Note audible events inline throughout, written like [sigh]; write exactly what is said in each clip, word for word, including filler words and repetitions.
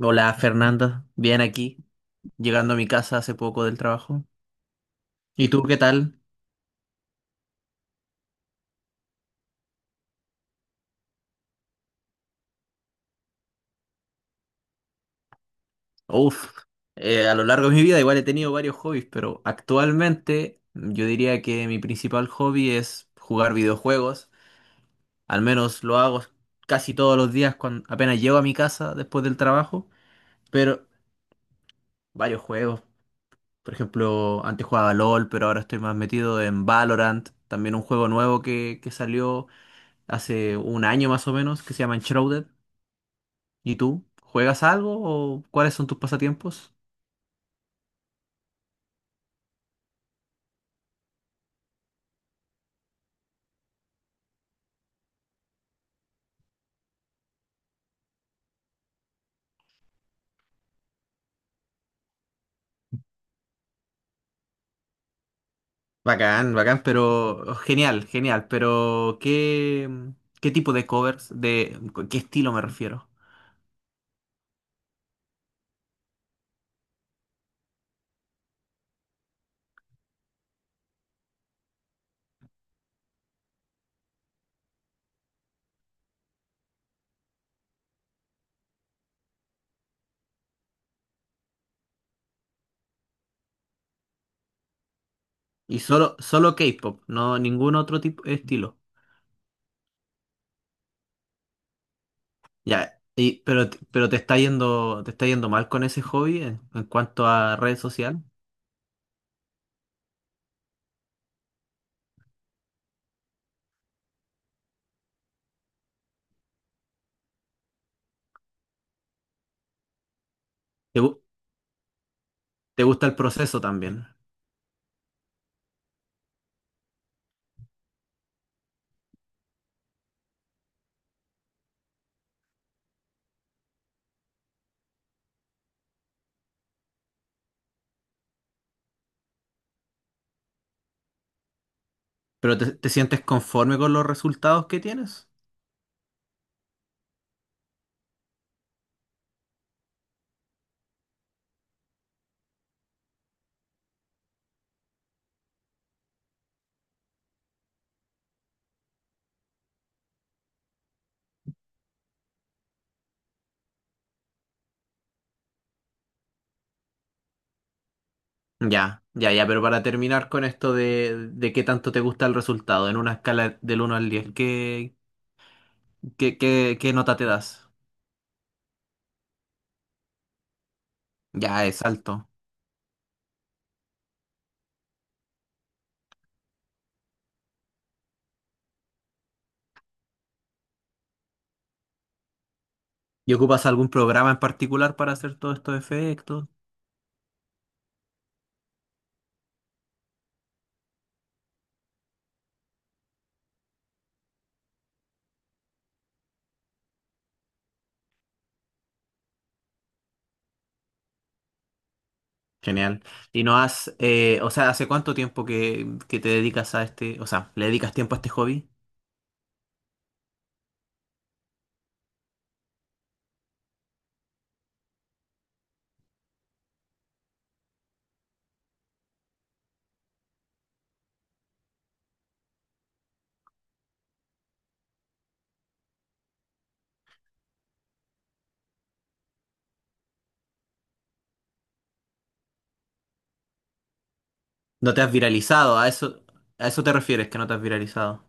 Hola Fernanda, bien aquí, llegando a mi casa hace poco del trabajo. ¿Y tú qué tal? Uf, eh, a lo largo de mi vida igual he tenido varios hobbies, pero actualmente yo diría que mi principal hobby es jugar videojuegos. Al menos lo hago casi todos los días cuando apenas llego a mi casa después del trabajo, pero varios juegos. Por ejemplo, antes jugaba LOL, pero ahora estoy más metido en Valorant, también un juego nuevo que, que salió hace un año más o menos, que se llama Enshrouded. ¿Y tú? ¿Juegas algo o cuáles son tus pasatiempos? Bacán, bacán, pero genial, genial, pero ¿qué, qué tipo de covers, de qué estilo me refiero? Y solo, solo K-pop, no ningún otro tipo estilo. Ya, y, pero, te- pero te está yendo, te está yendo mal con ese hobby en, en cuanto a red social. ¿Te, gu- te gusta el proceso también? ¿Pero te, te sientes conforme con los resultados que tienes? Ya, ya, ya, pero para terminar con esto de, de qué tanto te gusta el resultado, en una escala del uno al diez, ¿qué, qué, qué, qué nota te das? Ya, es alto. ¿Y ocupas algún programa en particular para hacer todos estos efectos? Genial. ¿Y no has, eh, o sea, hace cuánto tiempo que, que te dedicas a este, o sea, le dedicas tiempo a este hobby? ¿No te has viralizado? ¿A eso, a eso te refieres, que no te has viralizado?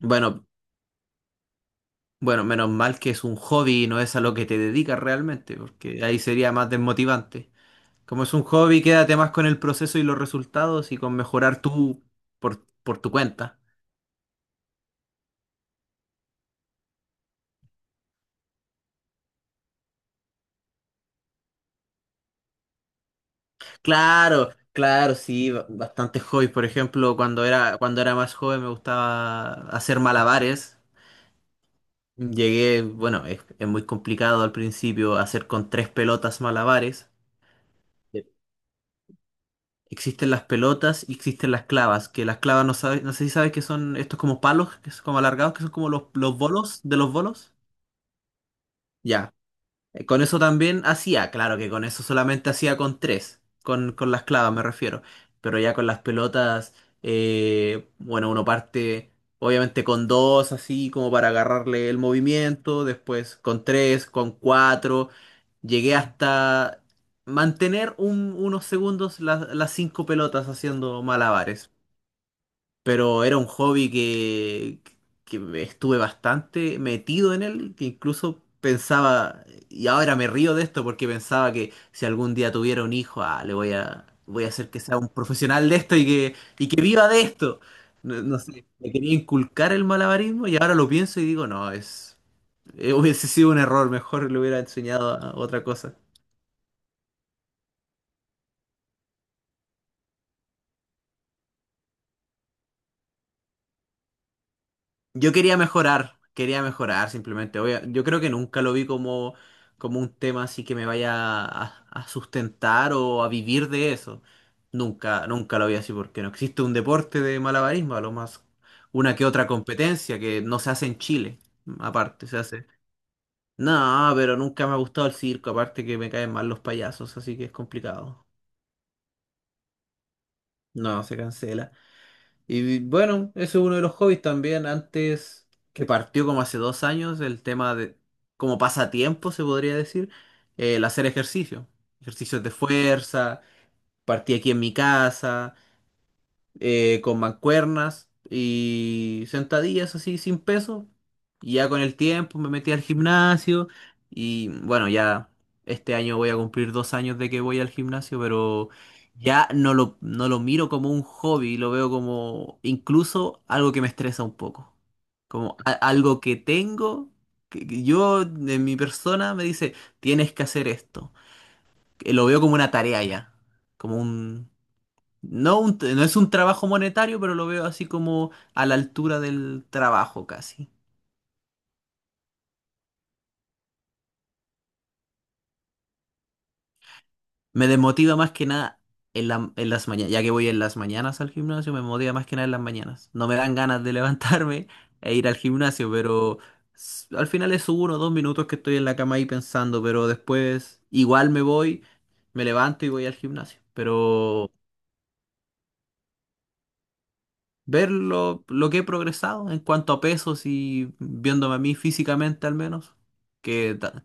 Bueno, bueno, menos mal que es un hobby y no es a lo que te dedicas realmente, porque ahí sería más desmotivante. Como es un hobby, quédate más con el proceso y los resultados y con mejorar tú por, por tu cuenta. Claro, claro, sí, ba- bastantes hobbies. Por ejemplo, cuando era, cuando era más joven me gustaba hacer malabares. Llegué, bueno, es, es muy complicado al principio hacer con tres pelotas malabares. Sí. Existen las pelotas y existen las clavas, que las clavas no sabes, no sé si sabes que son estos como palos, que son como alargados, que son como los, los bolos de los bolos. Ya. Eh, Con eso también hacía, claro que con eso solamente hacía con tres, con, con las clavas me refiero, pero ya con las pelotas, eh, bueno, uno parte obviamente con dos, así como para agarrarle el movimiento, después con tres, con cuatro, llegué hasta mantener un- unos segundos las las cinco pelotas haciendo malabares, pero era un hobby que, que me estuve bastante metido en él, que incluso pensaba, y ahora me río de esto porque pensaba que si algún día tuviera un hijo, ah, le voy a, voy a hacer que sea un profesional de esto y que, y que viva de esto. No, no sé, me quería inculcar el malabarismo y ahora lo pienso y digo, no, es, eh, hubiese sido un error, mejor le hubiera enseñado a otra cosa. Yo quería mejorar, quería mejorar simplemente. Obvia- yo creo que nunca lo vi como, como un tema así que me vaya a, a sustentar o a vivir de eso. Nunca, nunca lo vi así porque no existe un deporte de malabarismo, a lo más una que otra competencia que no se hace en Chile, aparte, se hace. No, pero nunca me ha gustado el circo, aparte que me caen mal los payasos, así que es complicado. No, se cancela. Y bueno, ese es uno de los hobbies también. Antes, que partió como hace dos años, el tema de, como pasatiempo se podría decir, el hacer ejercicio. Ejercicios de fuerza, partí aquí en mi casa eh, con mancuernas y sentadillas así sin peso. Y ya con el tiempo me metí al gimnasio y bueno, ya este año voy a cumplir dos años de que voy al gimnasio, pero ya no lo, no lo miro como un hobby, lo veo como incluso algo que me estresa un poco, como a- algo que tengo. Que que Yo, en mi persona, me dice, tienes que hacer esto. Que Lo veo como una tarea ya, como un, no, un- no es un trabajo monetario, pero lo veo así como a la altura del trabajo casi. Me desmotiva más que nada en la- en las mañanas, ya que voy en las mañanas al gimnasio, me motiva más que nada en las mañanas. No me dan ganas de [laughs] levantarme e ir al gimnasio, pero s- al final es uno o dos minutos que estoy en la cama ahí pensando, pero después igual me voy, me levanto y voy al gimnasio. Pero ver lo, lo que he progresado en cuanto a pesos y viéndome a mí físicamente al menos. que ta-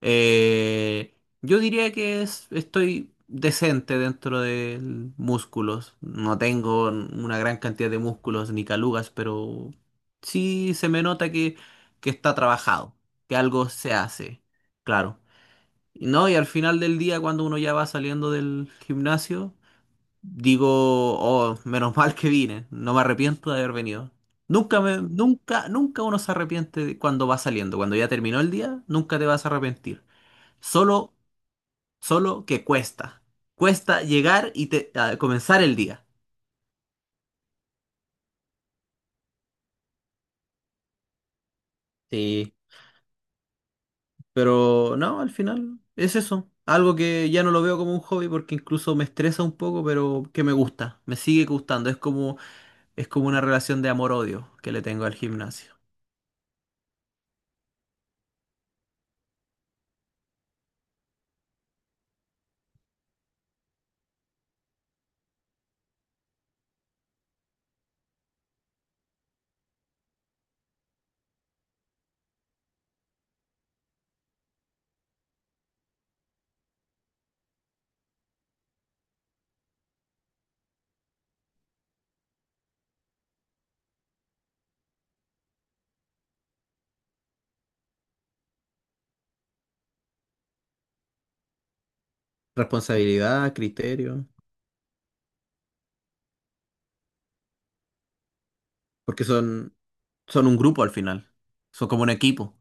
Eh, yo diría que es- estoy decente dentro de músculos. No tengo una gran cantidad de músculos ni calugas, pero sí se me nota que, que está trabajado, que algo se hace, claro. Y No, y al final del día, cuando uno ya va saliendo del gimnasio, digo, oh, menos [laughs] mal que vine, no me arrepiento de haber venido. Nunca me, nunca, nunca uno se arrepiente de cuando va saliendo. Cuando ya terminó el día, nunca te vas a arrepentir. Solo, solo que cuesta. Cuesta llegar y te- a comenzar el día. Sí, Pero no, al final es eso. Algo que ya no lo veo como un hobby porque incluso me estresa un poco, pero que me gusta, me sigue gustando. Es como, es como una relación de amor-odio que le tengo al gimnasio. Responsabilidad, criterio, porque son, son un grupo al final. Son como un equipo.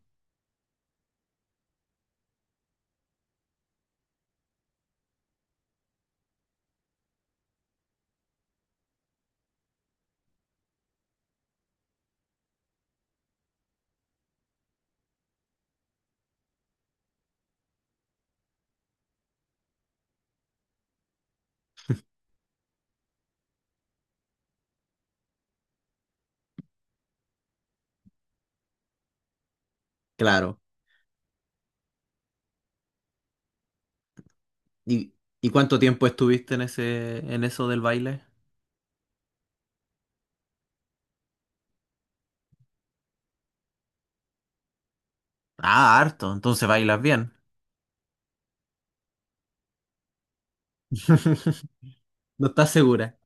claro. ¿Y, y cuánto tiempo estuviste en ese, en eso del baile? Ah, harto, entonces bailas bien. [laughs] No estás segura.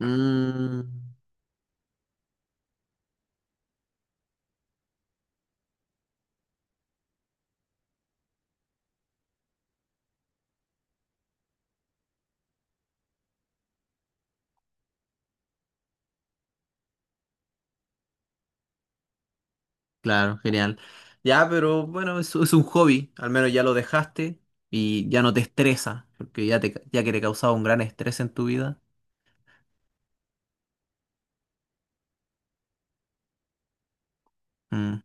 Mm, claro, genial. Ya, pero bueno, es, es un hobby. Al menos ya lo dejaste y ya no te estresa, porque ya, te, ya que te causaba un gran estrés en tu vida. Mm.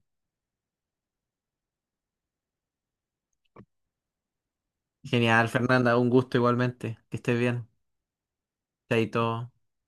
Genial, Fernanda, un gusto igualmente. Que estés bien. Chaito.